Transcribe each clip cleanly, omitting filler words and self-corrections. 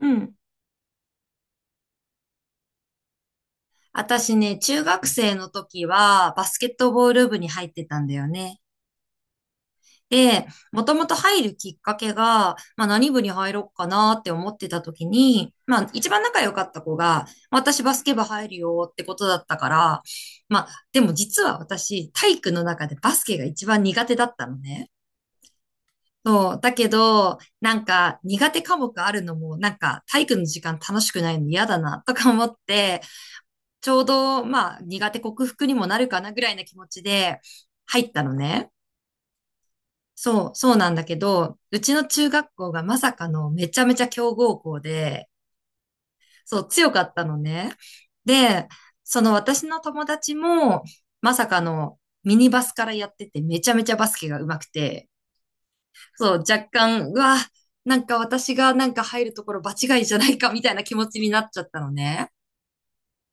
うん。私ね、中学生の時はバスケットボール部に入ってたんだよね。で、もともと入るきっかけが、まあ何部に入ろうかなって思ってた時に、まあ一番仲良かった子が、私バスケ部入るよってことだったから、まあでも実は私体育の中でバスケが一番苦手だったのね。そう。だけど、なんか苦手科目あるのも、なんか体育の時間楽しくないの嫌だなとか思って、ちょうど、まあ、苦手克服にもなるかなぐらいな気持ちで入ったのね。そう、そうなんだけど、うちの中学校がまさかのめちゃめちゃ強豪校で、そう、強かったのね。で、その私の友達も、まさかのミニバスからやってて、めちゃめちゃバスケが上手くて、そう、若干、うわ、なんか私がなんか入るところ場違いじゃないかみたいな気持ちになっちゃったのね。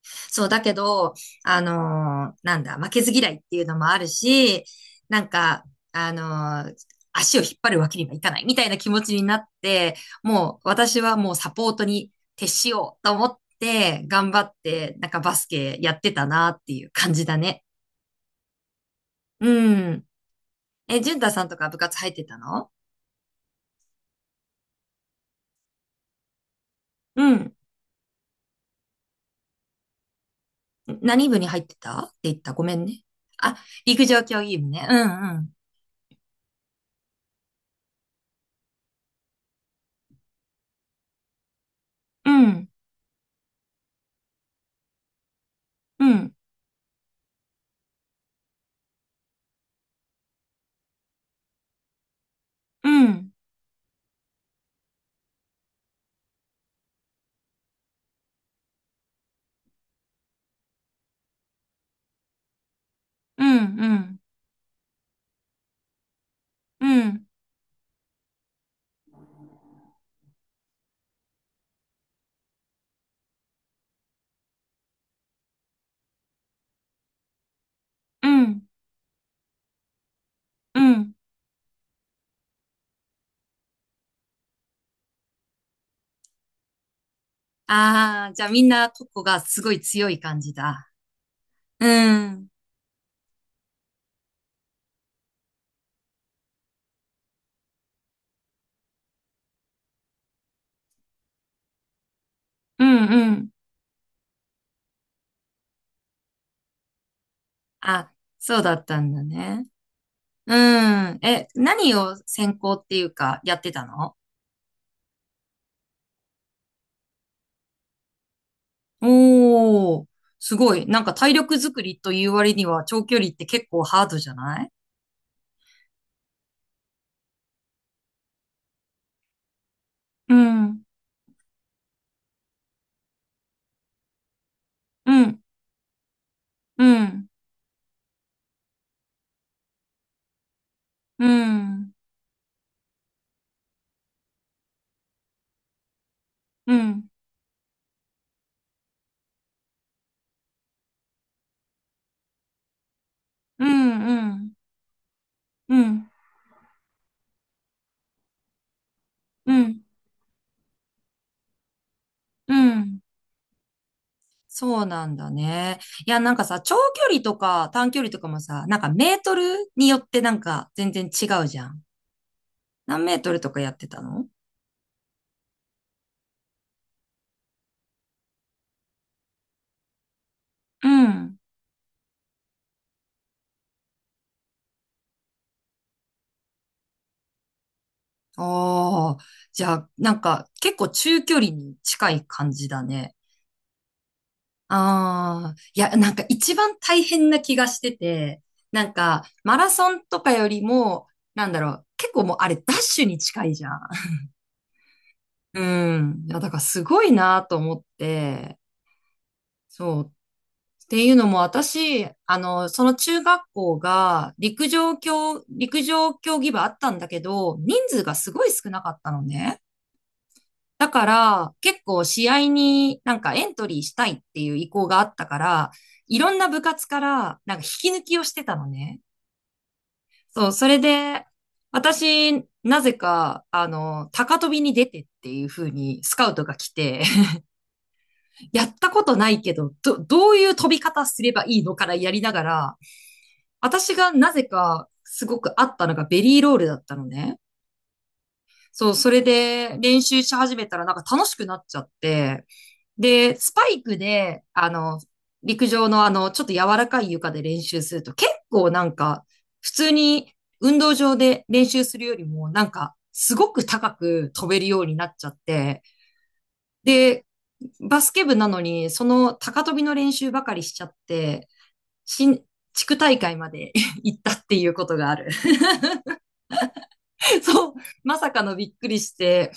そう、だけど、あのーなんだ、負けず嫌いっていうのもあるし、なんか、あのー足を引っ張るわけにはいかないみたいな気持ちになって、もう私はもうサポートに徹しようと思って頑張って、なんかバスケやってたなっていう感じだね。うん。え、淳太さんとか部活入ってたの？うん。何部に入ってたって言った？ごめんね。あ、陸上競技部ね。うんうん。うん。うん。うん。うん。うん。うん。うん、うん、ああ、じゃあみんな個々がすごい強い感じだ。うん。うん、うん。あ、そうだったんだね。うん。え、何を専攻っていうかやってたの？おー、すごい。なんか体力作りという割には長距離って結構ハードじゃない？うん、うん、うん、うん、うん、うん、うん、うん、うん、うん。うん、そうなんだね。いや、なんかさ、長距離とか短距離とかもさ、なんかメートルによってなんか全然違うじゃん。何メートルとかやってたの？うん。ああ、じゃあ、なんか結構中距離に近い感じだね。ああ、いや、なんか一番大変な気がしてて、なんかマラソンとかよりも、なんだろう、結構もうあれダッシュに近いじゃん。うん。いや、だからすごいなと思って、そう。っていうのも私、あの、その中学校が陸上競技部あったんだけど、人数がすごい少なかったのね。だから結構試合になんかエントリーしたいっていう意向があったから、いろんな部活からなんか引き抜きをしてたのね。そう、それで私、なぜか、あの、高跳びに出てっていう風にスカウトが来て、やったことないけど、どういう飛び方すればいいのからやりながら、私がなぜかすごく合ったのがベリーロールだったのね。そう、それで練習し始めたらなんか楽しくなっちゃって、で、スパイクで、あの、陸上のあの、ちょっと柔らかい床で練習すると結構なんか、普通に運動場で練習するよりもなんか、すごく高く飛べるようになっちゃって、で、バスケ部なのに、その高跳びの練習ばかりしちゃって、新、地区大会まで 行ったっていうことがある。そう、まさかのびっくりして、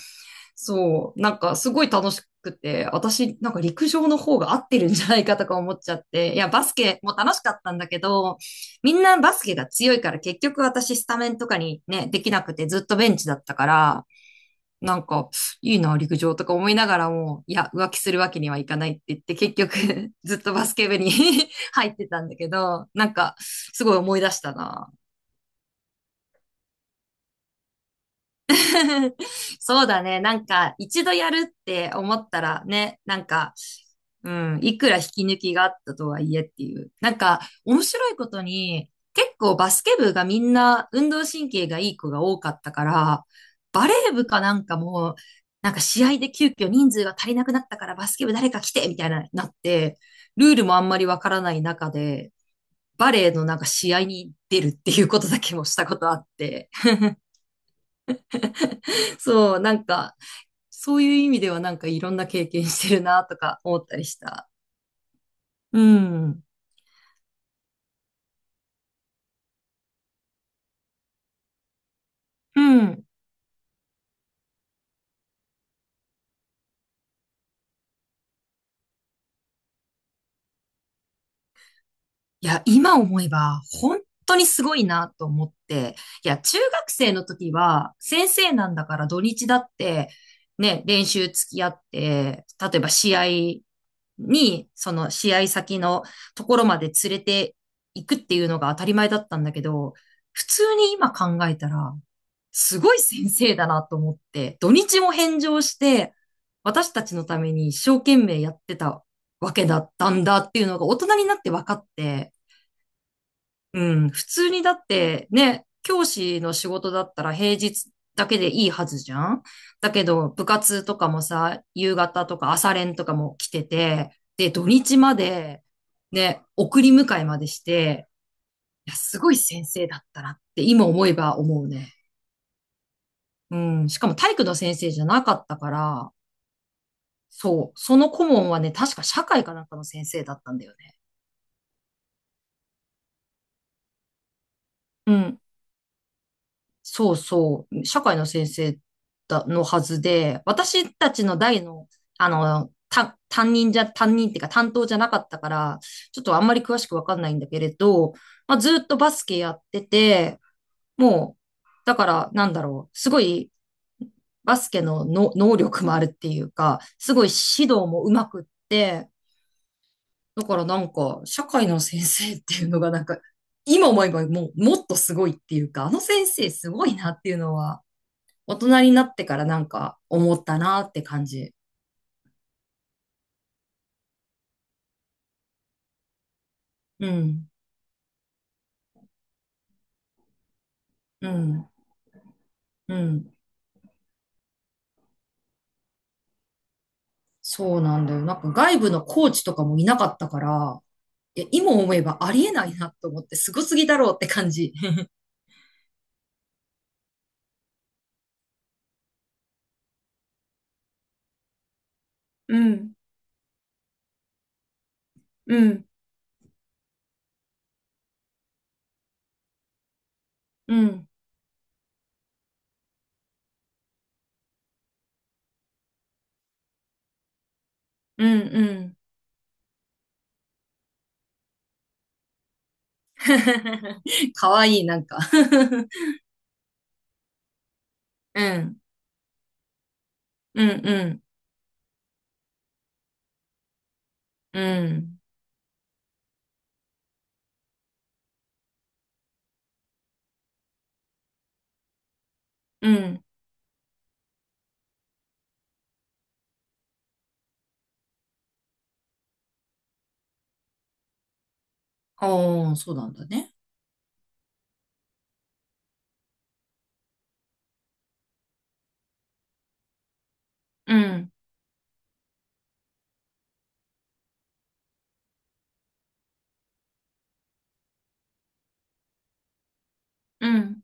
そう、なんかすごい楽しくて、私なんか陸上の方が合ってるんじゃないかとか思っちゃって、いや、バスケも楽しかったんだけど、みんなバスケが強いから結局私スタメンとかにね、できなくてずっとベンチだったから、なんか、いいな、陸上とか思いながらも、いや、浮気するわけにはいかないって言って、結局 ずっとバスケ部に 入ってたんだけど、なんか、すごい思い出したな。そうだね。なんか、一度やるって思ったらね、なんか、うん、いくら引き抜きがあったとはいえっていう。なんか、面白いことに、結構バスケ部がみんな運動神経がいい子が多かったから、バレー部かなんかも、なんか試合で急遽人数が足りなくなったからバスケ部誰か来てみたいな、なって、ルールもあんまりわからない中で、バレーのなんか試合に出るっていうことだけもしたことあって、そう、なんか、そういう意味ではなんかいろんな経験してるなとか思ったりした。うん。うん。いや、今思えば本当にすごいなと思って。いや、中学生の時は先生なんだから土日だってね、練習付き合って、例えば試合に、その試合先のところまで連れて行くっていうのが当たり前だったんだけど、普通に今考えたら、すごい先生だなと思って、土日も返上して、私たちのために一生懸命やってたわけだったんだっていうのが大人になって分かって、うん、普通にだってね、教師の仕事だったら平日だけでいいはずじゃん。だけど部活とかもさ、夕方とか朝練とかも来てて、で、土日までね、送り迎えまでして、いや、すごい先生だったなって今思えば思うね。うん、しかも体育の先生じゃなかったから、そう、その顧問はね、確か社会かなんかの先生だったんだよね。うん、そうそう、社会の先生だのはずで、私たちの代の、あの、た担任じゃ、担任っていうか担当じゃなかったから、ちょっとあんまり詳しくわかんないんだけれど、まあ、ずっとバスケやってて、もう、だから、なんだろう、すごいバスケの能力もあるっていうか、すごい指導もうまくって、だからなんか、社会の先生っていうのがなんか、今思えばもう、もっとすごいっていうか、あの先生すごいなっていうのは、大人になってからなんか思ったなって感じ。うん、うん、うん。そうなんだよ。なんか外部のコーチとかもいなかったから、いや、今思えばありえないなと思って、すごすぎだろうって感じ。うん、うん、うん、うん、うん。かわいい、なんか うん、うん、うん、うん、うん。ああ、そうなんだね。うん、うん、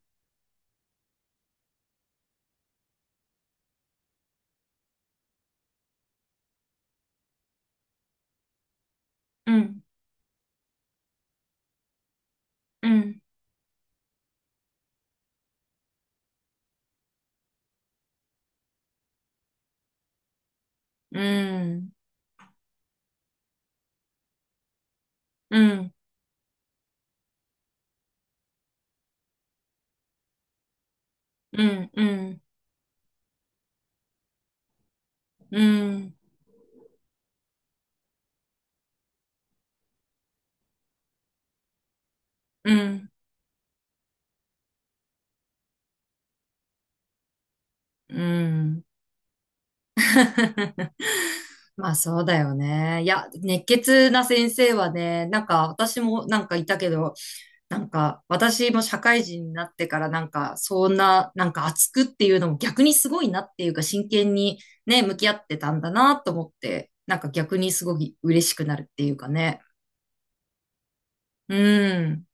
うん、うん、うん、うん、うん、うん、うん。うん、うん。まあそうだよね。いや、熱血な先生はね、なんか私もなんかいたけど、なんか私も社会人になってからなんかそんな、なんか熱くっていうのも逆にすごいなっていうか真剣にね、向き合ってたんだなと思って、なんか逆にすごい嬉しくなるっていうかね。うん。